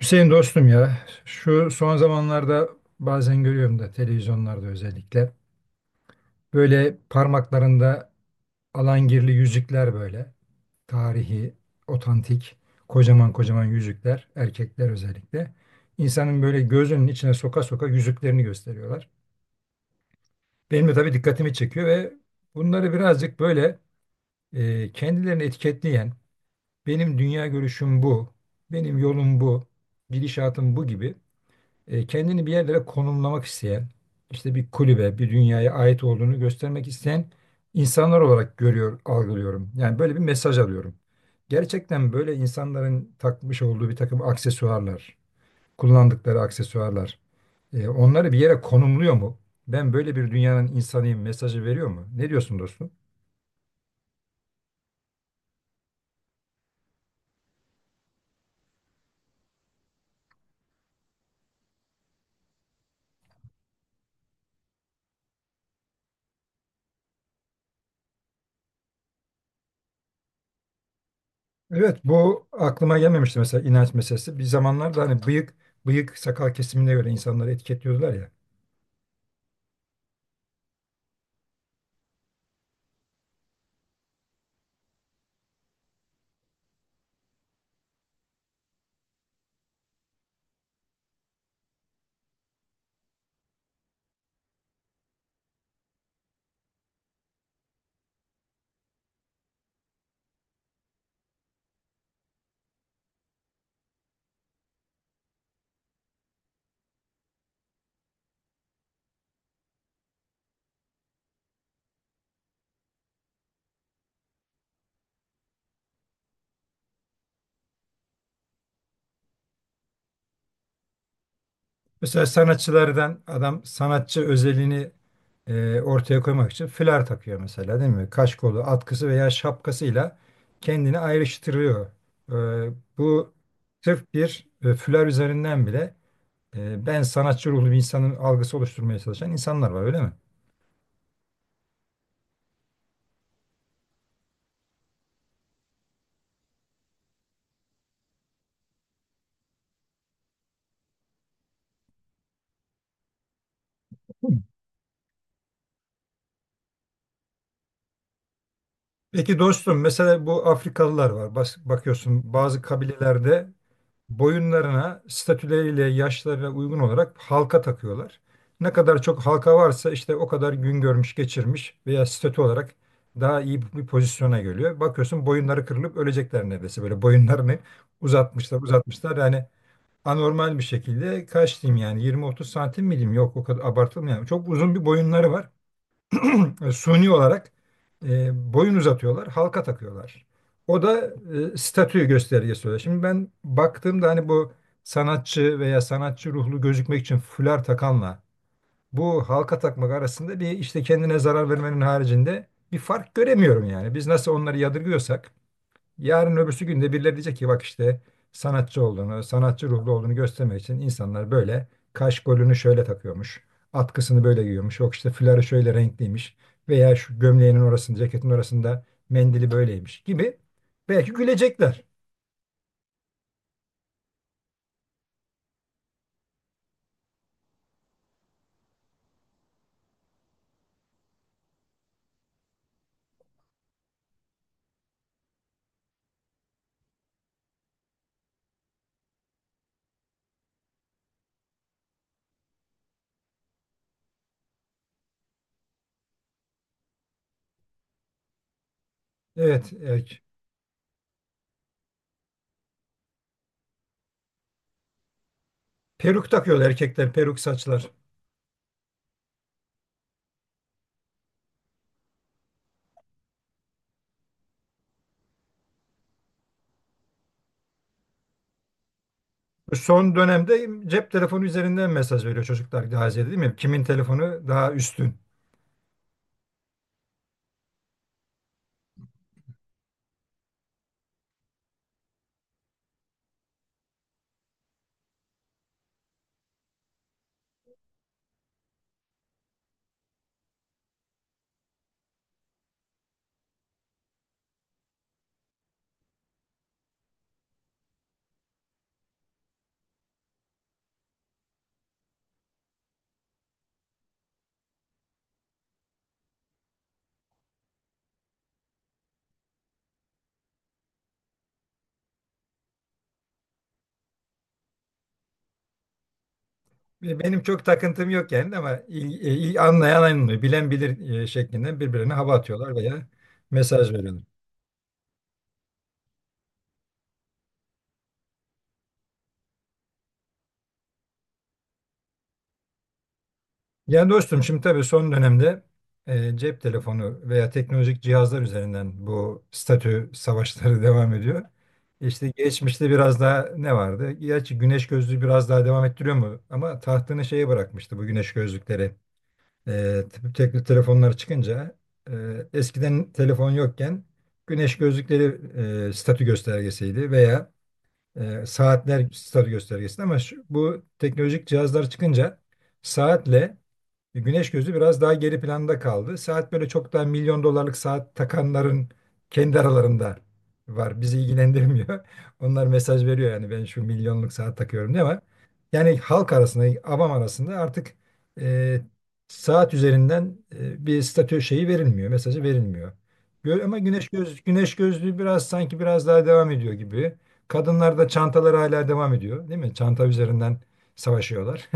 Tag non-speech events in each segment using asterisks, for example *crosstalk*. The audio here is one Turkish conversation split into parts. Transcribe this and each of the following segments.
Hüseyin dostum ya şu son zamanlarda bazen görüyorum da televizyonlarda özellikle böyle parmaklarında alangirli yüzükler böyle tarihi, otantik, kocaman kocaman yüzükler erkekler özellikle insanın böyle gözünün içine soka soka yüzüklerini gösteriyorlar. Benim de tabii dikkatimi çekiyor ve bunları birazcık böyle kendilerini etiketleyen benim dünya görüşüm bu, benim yolum bu, gidişatım bu gibi kendini bir yerlere konumlamak isteyen, işte bir kulübe, bir dünyaya ait olduğunu göstermek isteyen insanlar olarak görüyor, algılıyorum. Yani böyle bir mesaj alıyorum. Gerçekten böyle insanların takmış olduğu bir takım aksesuarlar, kullandıkları aksesuarlar, onları bir yere konumluyor mu? Ben böyle bir dünyanın insanıyım mesajı veriyor mu? Ne diyorsun dostum? Evet, bu aklıma gelmemişti mesela inanç meselesi. Bir zamanlarda hani bıyık, bıyık sakal kesimine göre insanları etiketliyordular ya. Mesela sanatçılardan adam sanatçı özelliğini ortaya koymak için fular takıyor mesela değil mi? Kaşkolu, atkısı veya şapkasıyla kendini ayrıştırıyor. E, bu sırf bir fular üzerinden bile ben sanatçı ruhlu bir insanın algısı oluşturmaya çalışan insanlar var öyle mi? Peki dostum mesela bu Afrikalılar var. Bakıyorsun bazı kabilelerde boyunlarına, statüleriyle, yaşlarına uygun olarak halka takıyorlar. Ne kadar çok halka varsa işte o kadar gün görmüş, geçirmiş veya statü olarak daha iyi bir pozisyona geliyor. Bakıyorsun boyunları kırılıp ölecekler neredeyse böyle boyunlarını uzatmışlar, uzatmışlar. Yani anormal bir şekilde kaç diyeyim yani 20-30 santim mi diyeyim? Yok o kadar abartılmıyor. Yani çok uzun bir boyunları var suni olarak boyun uzatıyorlar, halka takıyorlar. O da statü göstergesi oluyor. Şimdi ben baktığımda hani bu sanatçı veya sanatçı ruhlu gözükmek için fular takanla bu halka takmak arasında bir işte kendine zarar vermenin haricinde bir fark göremiyorum yani. Biz nasıl onları yadırgıyorsak yarın öbürsü günde birileri diyecek ki bak işte sanatçı olduğunu, sanatçı ruhlu olduğunu göstermek için insanlar böyle kaş golünü şöyle takıyormuş. Atkısını böyle giyiyormuş. Yok işte fuları şöyle renkliymiş. Veya şu gömleğinin orasında, ceketin orasında mendili böyleymiş gibi. Belki gülecekler. Evet, erkek. Peruk takıyorlar erkekler, peruk saçlar. Son dönemde cep telefonu üzerinden mesaj veriyor çocuklar Gazi'ye değil mi? Kimin telefonu daha üstün? Ve benim çok takıntım yok yani ama anlayan anlıyor, bilen bilir şeklinde birbirine hava atıyorlar veya mesaj veriyorlar. Yani dostum şimdi tabii son dönemde cep telefonu veya teknolojik cihazlar üzerinden bu statü savaşları *laughs* devam ediyor. İşte geçmişte biraz daha ne vardı? Gerçi güneş gözlüğü biraz daha devam ettiriyor mu? Ama tahtını şeye bırakmıştı bu güneş gözlükleri. Tekli telefonlar çıkınca e, eskiden telefon yokken güneş gözlükleri statü göstergesiydi veya saatler statü göstergesiydi ama şu, bu teknolojik cihazlar çıkınca saatle güneş gözü biraz daha geri planda kaldı. Saat böyle çok daha milyon dolarlık saat takanların kendi aralarında var. Bizi ilgilendirmiyor. *laughs* Onlar mesaj veriyor yani ben şu milyonluk saat takıyorum diye ama yani halk arasında, avam arasında artık e, saat üzerinden bir statü şeyi verilmiyor, mesajı verilmiyor. Ama güneş gözlüğü biraz sanki biraz daha devam ediyor gibi. Kadınlar da çantaları hala devam ediyor, değil mi? Çanta üzerinden savaşıyorlar.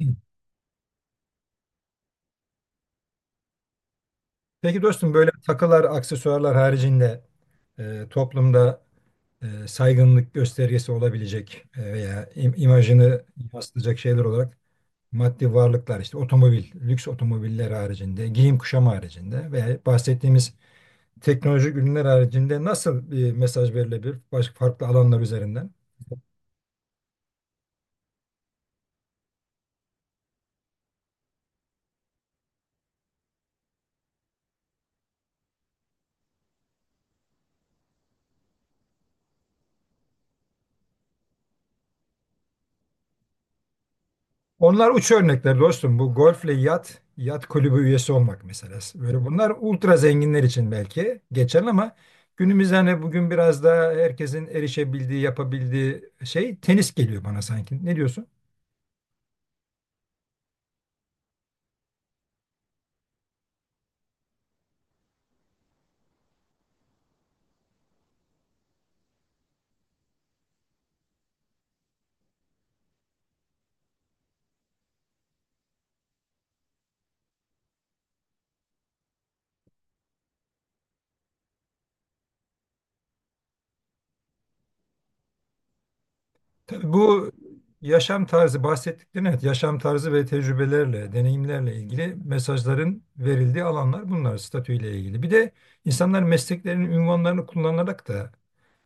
*laughs* Peki dostum böyle takılar, aksesuarlar haricinde toplumda saygınlık göstergesi olabilecek veya imajını yansıtacak şeyler olarak maddi varlıklar işte otomobil, lüks otomobiller haricinde, giyim kuşam haricinde veya bahsettiğimiz teknolojik ürünler haricinde nasıl bir mesaj verilebilir başka farklı alanlar üzerinden? Onlar uç örnekler dostum. Bu golfle yat, yat kulübü üyesi olmak mesela. Böyle bunlar ultra zenginler için belki geçerli ama günümüzde hani bugün biraz daha herkesin erişebildiği, yapabildiği şey tenis geliyor bana sanki. Ne diyorsun? Tabii bu yaşam tarzı bahsettiklerin, evet, yaşam tarzı ve tecrübelerle, deneyimlerle ilgili mesajların verildiği alanlar bunlar statüyle ilgili. Bir de insanlar mesleklerinin ünvanlarını kullanarak da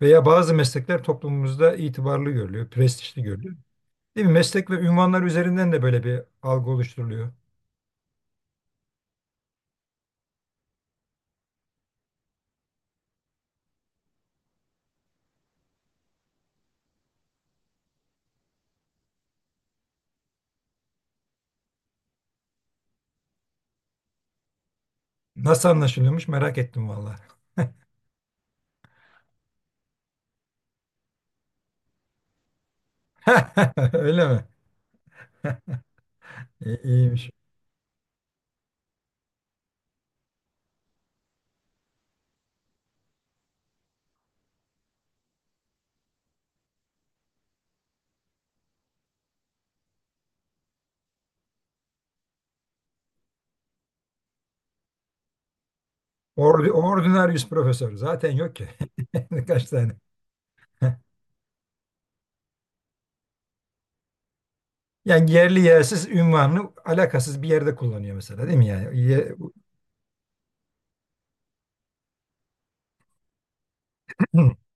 veya bazı meslekler toplumumuzda itibarlı görülüyor, prestijli görülüyor. Değil mi? Meslek ve ünvanlar üzerinden de böyle bir algı oluşturuluyor. Nasıl anlaşılıyormuş merak ettim vallahi. *laughs* Öyle mi? İyiymiş. Ordinarius profesör zaten yok ki. *laughs* Kaç tane. *laughs* Yani yerli yersiz ünvanını alakasız bir yerde kullanıyor mesela değil mi yani? *clears throat*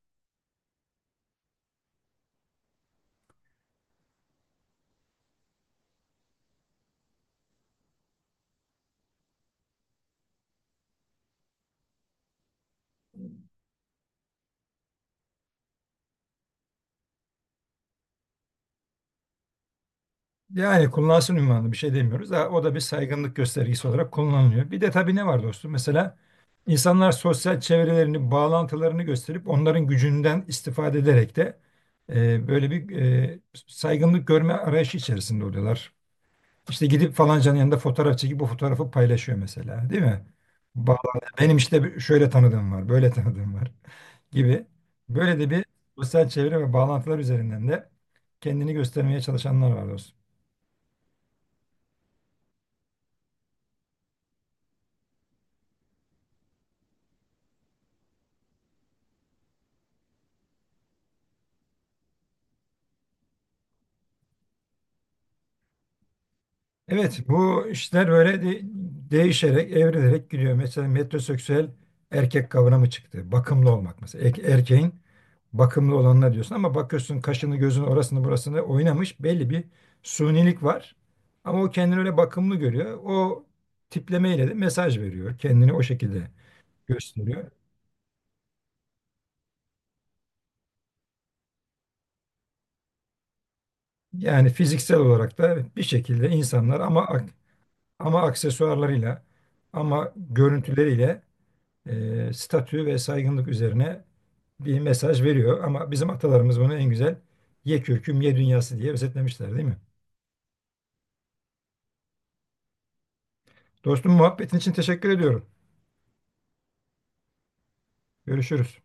Yani kullansın ünvanını bir şey demiyoruz. Ha, o da bir saygınlık göstergesi olarak kullanılıyor. Bir de tabii ne var dostum? Mesela insanlar sosyal çevrelerini, bağlantılarını gösterip onların gücünden istifade ederek de böyle bir saygınlık görme arayışı içerisinde oluyorlar. İşte gidip falancanın yanında fotoğraf çekip bu fotoğrafı paylaşıyor mesela, değil mi? Bağlanıyor. Benim işte şöyle tanıdığım var, böyle tanıdığım var gibi. Böyle de bir sosyal çevre ve bağlantılar üzerinden de kendini göstermeye çalışanlar var dostum. Evet, bu işler değişerek, evrilerek gidiyor. Mesela metroseksüel erkek kavramı çıktı. Bakımlı olmak mesela. Erkeğin bakımlı olanına diyorsun ama bakıyorsun kaşını gözünü orasını burasını oynamış belli bir sunilik var. Ama o kendini öyle bakımlı görüyor. O tiplemeyle de mesaj veriyor. Kendini o şekilde gösteriyor. Yani fiziksel olarak da bir şekilde insanlar ama aksesuarlarıyla ama görüntüleriyle statü ve saygınlık üzerine bir mesaj veriyor. Ama bizim atalarımız bunu en güzel ye kürküm ye dünyası diye özetlemişler değil mi? Dostum muhabbetin için teşekkür ediyorum. Görüşürüz.